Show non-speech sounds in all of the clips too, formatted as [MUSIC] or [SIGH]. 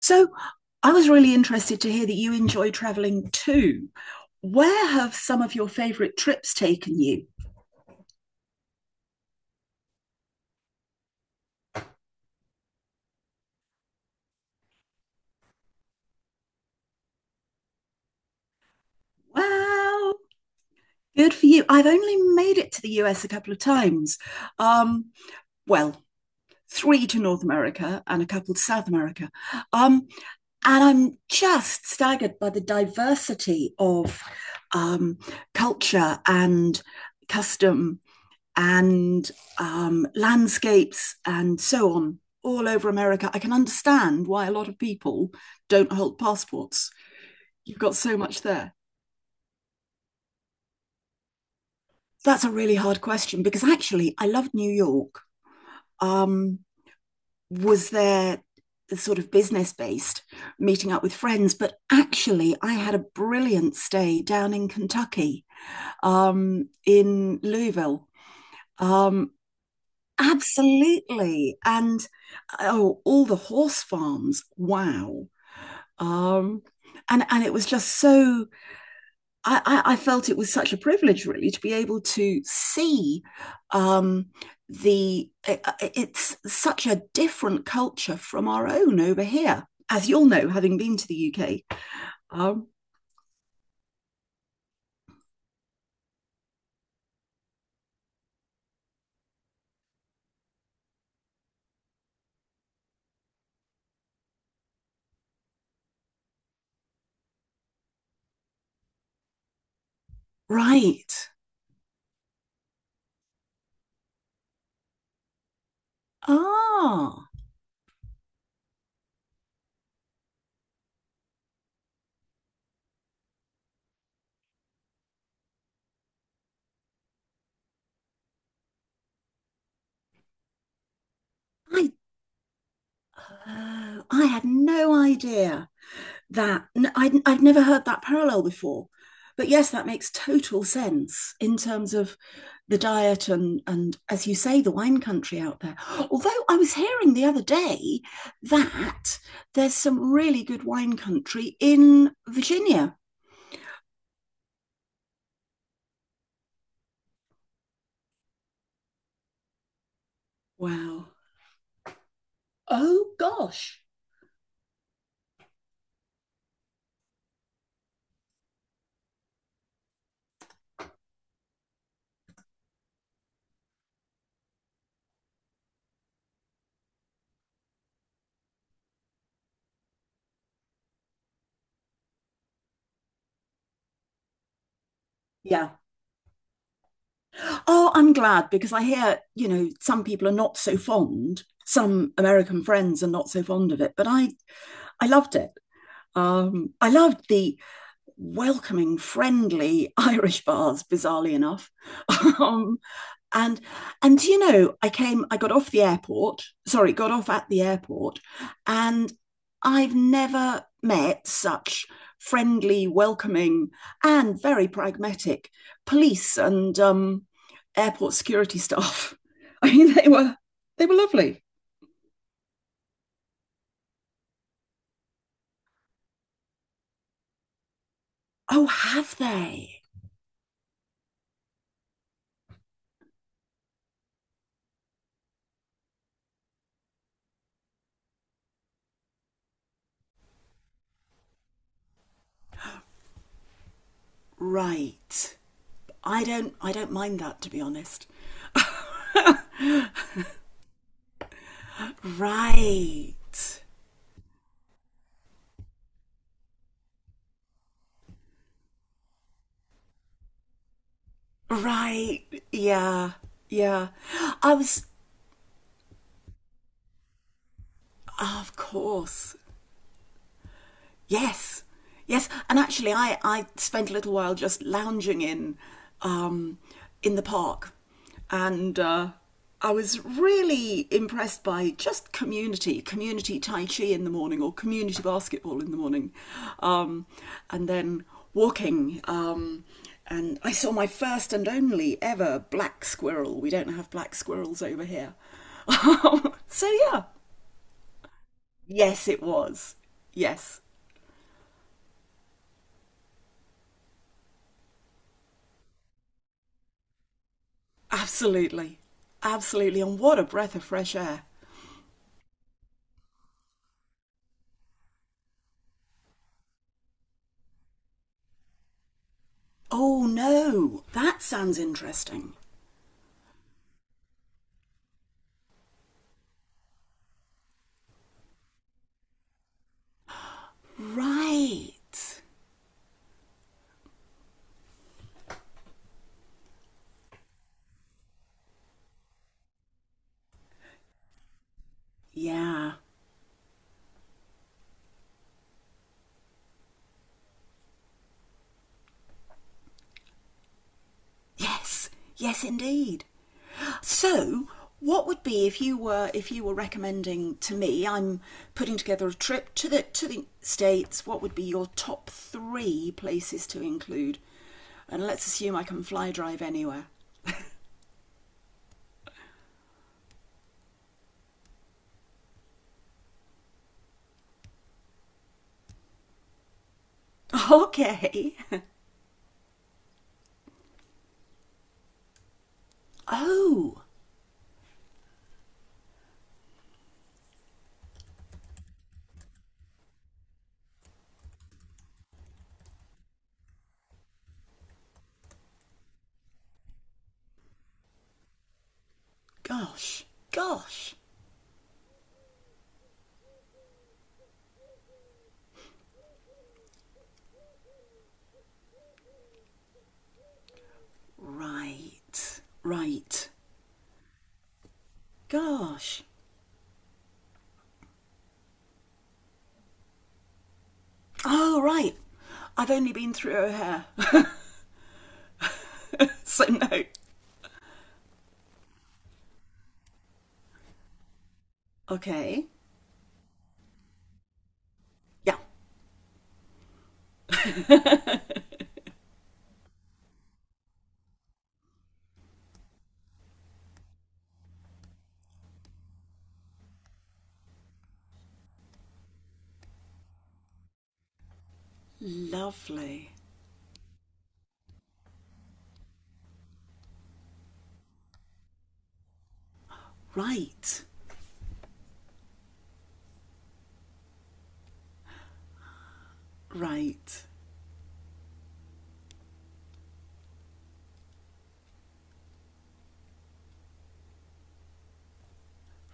So I was really interested to hear that you enjoy traveling too. Where have some of your favorite trips taken you? Wow, good for you. I've only made it to the US a couple of times. Um, well, three to North America and a couple to South America. Um, and I'm just staggered by the diversity of um, culture and custom and landscapes and so on all over America. I can understand why a lot of people don't hold passports. You've got so much there. That's a really hard question because actually, I loved New York. Um, was there sort of business based meeting up with friends, but actually I had a brilliant stay down in Kentucky, in Louisville. um, Absolutely. And oh, all the horse farms. Wow. Um, and it was just so I felt it was such a privilege really to be able to see um, the it- it's such a different culture from our own over here. As you'll know, having been to the UK, um, right. Ah, I, oh, I had no idea that I would I'd never heard that parallel before. But yes, that makes total sense in terms of the diet, and as you say, the wine country out there. Although I was hearing the other day that there's some really good wine country in Virginia. Wow. Oh gosh. Yeah. Oh, I'm glad because I hear, you know, some people are not so fond. Some American friends are not so fond of it, but I loved it. I loved the welcoming, friendly Irish bars, bizarrely enough. [LAUGHS] um, and and you know, I got off the airport. Sorry, got off at the airport, and I've never met such friendly, welcoming, and very pragmatic police and airport security [LAUGHS] staff. I mean, they were lovely. Oh, have they? Right. I don't mind that, to be honest. Right. Right. Yeah. Yeah. I was, oh, of course. Yes, yes, and actually, I spent a little while just lounging um, in the park, and I was really impressed by just community tai chi in the morning or community basketball in the morning, um, and then walking. And I saw my first and only ever black squirrel. We don't have black squirrels over here. [LAUGHS] so yeah, yes, it was. Yes. Absolutely. Absolutely. And what a breath of fresh air. Oh no, that sounds interesting. Right. Yeah. Yes. Yes, indeed. So, what would be if you were recommending to me? I'm putting together a trip to the states. What would be your top three places to include? And let's assume I can fly drive anywhere. Okay. [LAUGHS] oh gosh, gosh. Right, right. Gosh. Oh, right. I've only been through her hair, [LAUGHS] so no. Okay. Yeah. Lovely. Right, right.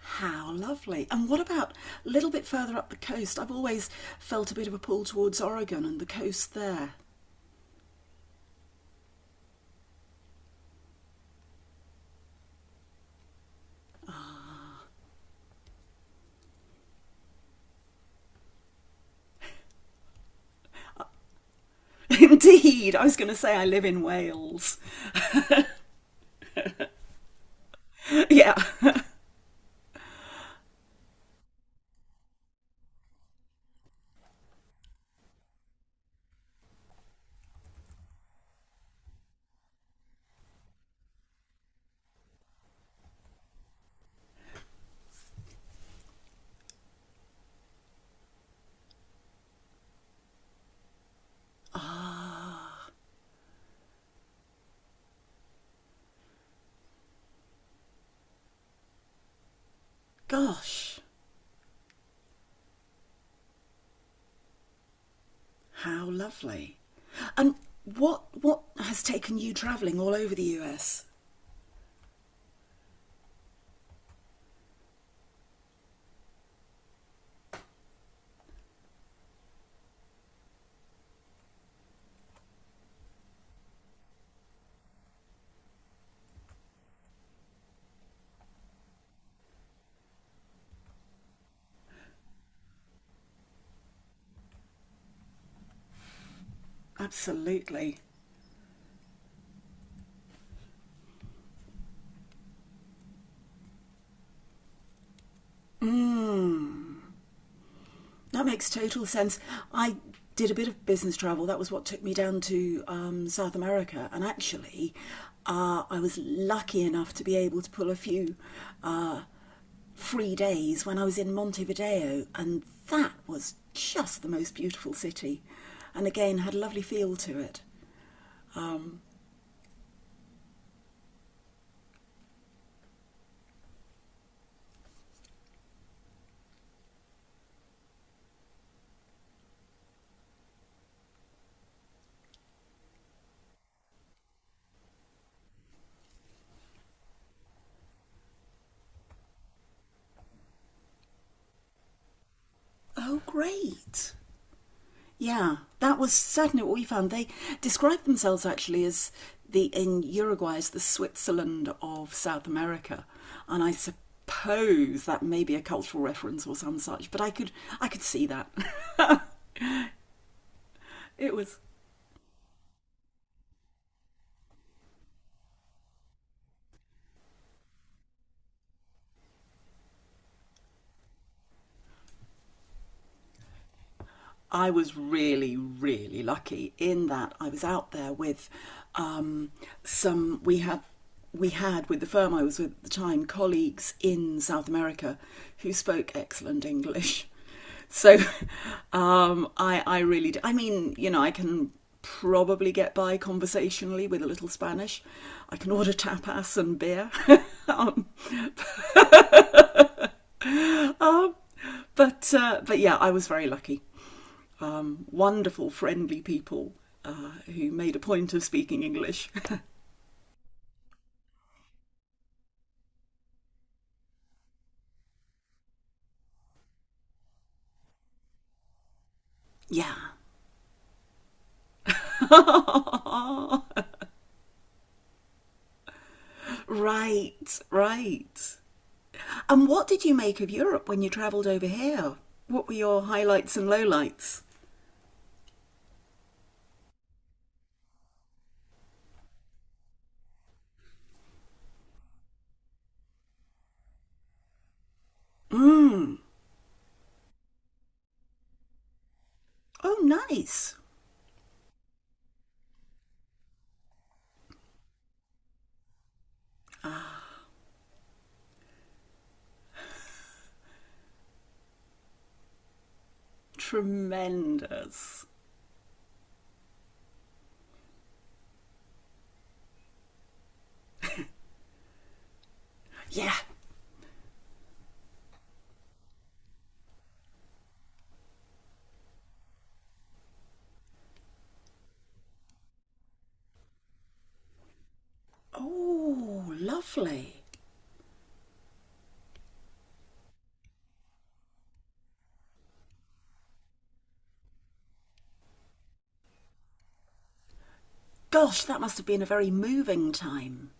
How lovely. And what about a little bit further up the coast? I've always felt a bit of a pull towards Oregon and the coast there. [LAUGHS] Indeed, I was going to say I live in Wales. [LAUGHS] Yeah. Ah, gosh. How lovely. And what has taken you travelling all over the US? Absolutely. That makes total sense. I did a bit of business travel. That was what took me down to South America. And actually, I was lucky enough to be able to pull a few uh, free days when I was in Montevideo. And that was just the most beautiful city. And again, had a lovely feel to it. Oh, great. Yeah, that was certainly what we found. They describe themselves actually as the in Uruguay as the Switzerland of South America, and I suppose that may be a cultural reference or some such. But I could see that [LAUGHS] it was I was really, really lucky in that I was out there with um, some we had with the firm I was with at the time colleagues in South America who spoke excellent English. [LAUGHS] So I really do. I mean, you know, I can probably get by conversationally with a little Spanish. I can order [LAUGHS] tapas and beer, [LAUGHS] um, but yeah, I was very lucky. Wonderful, friendly people who made a point of speaking English. [LAUGHS] yeah. [LAUGHS] right, right. And what did you make of Europe when you travelled over here? What were your highlights and lowlights? Oh, nice. Tremendous. Yeah. Oh, lovely. Gosh, that must have been a very moving time.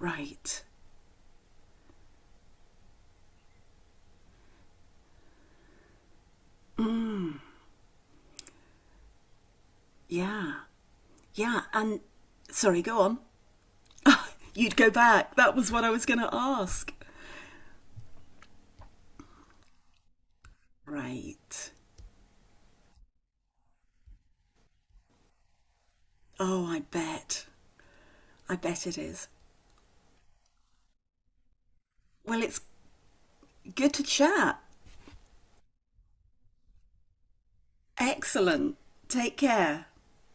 Right. Yeah. Yeah. And sorry, go on. You'd go back. That was what I was going to ask. Right. Oh, I bet. I bet it is. Well, it's good to chat. Excellent. Take care.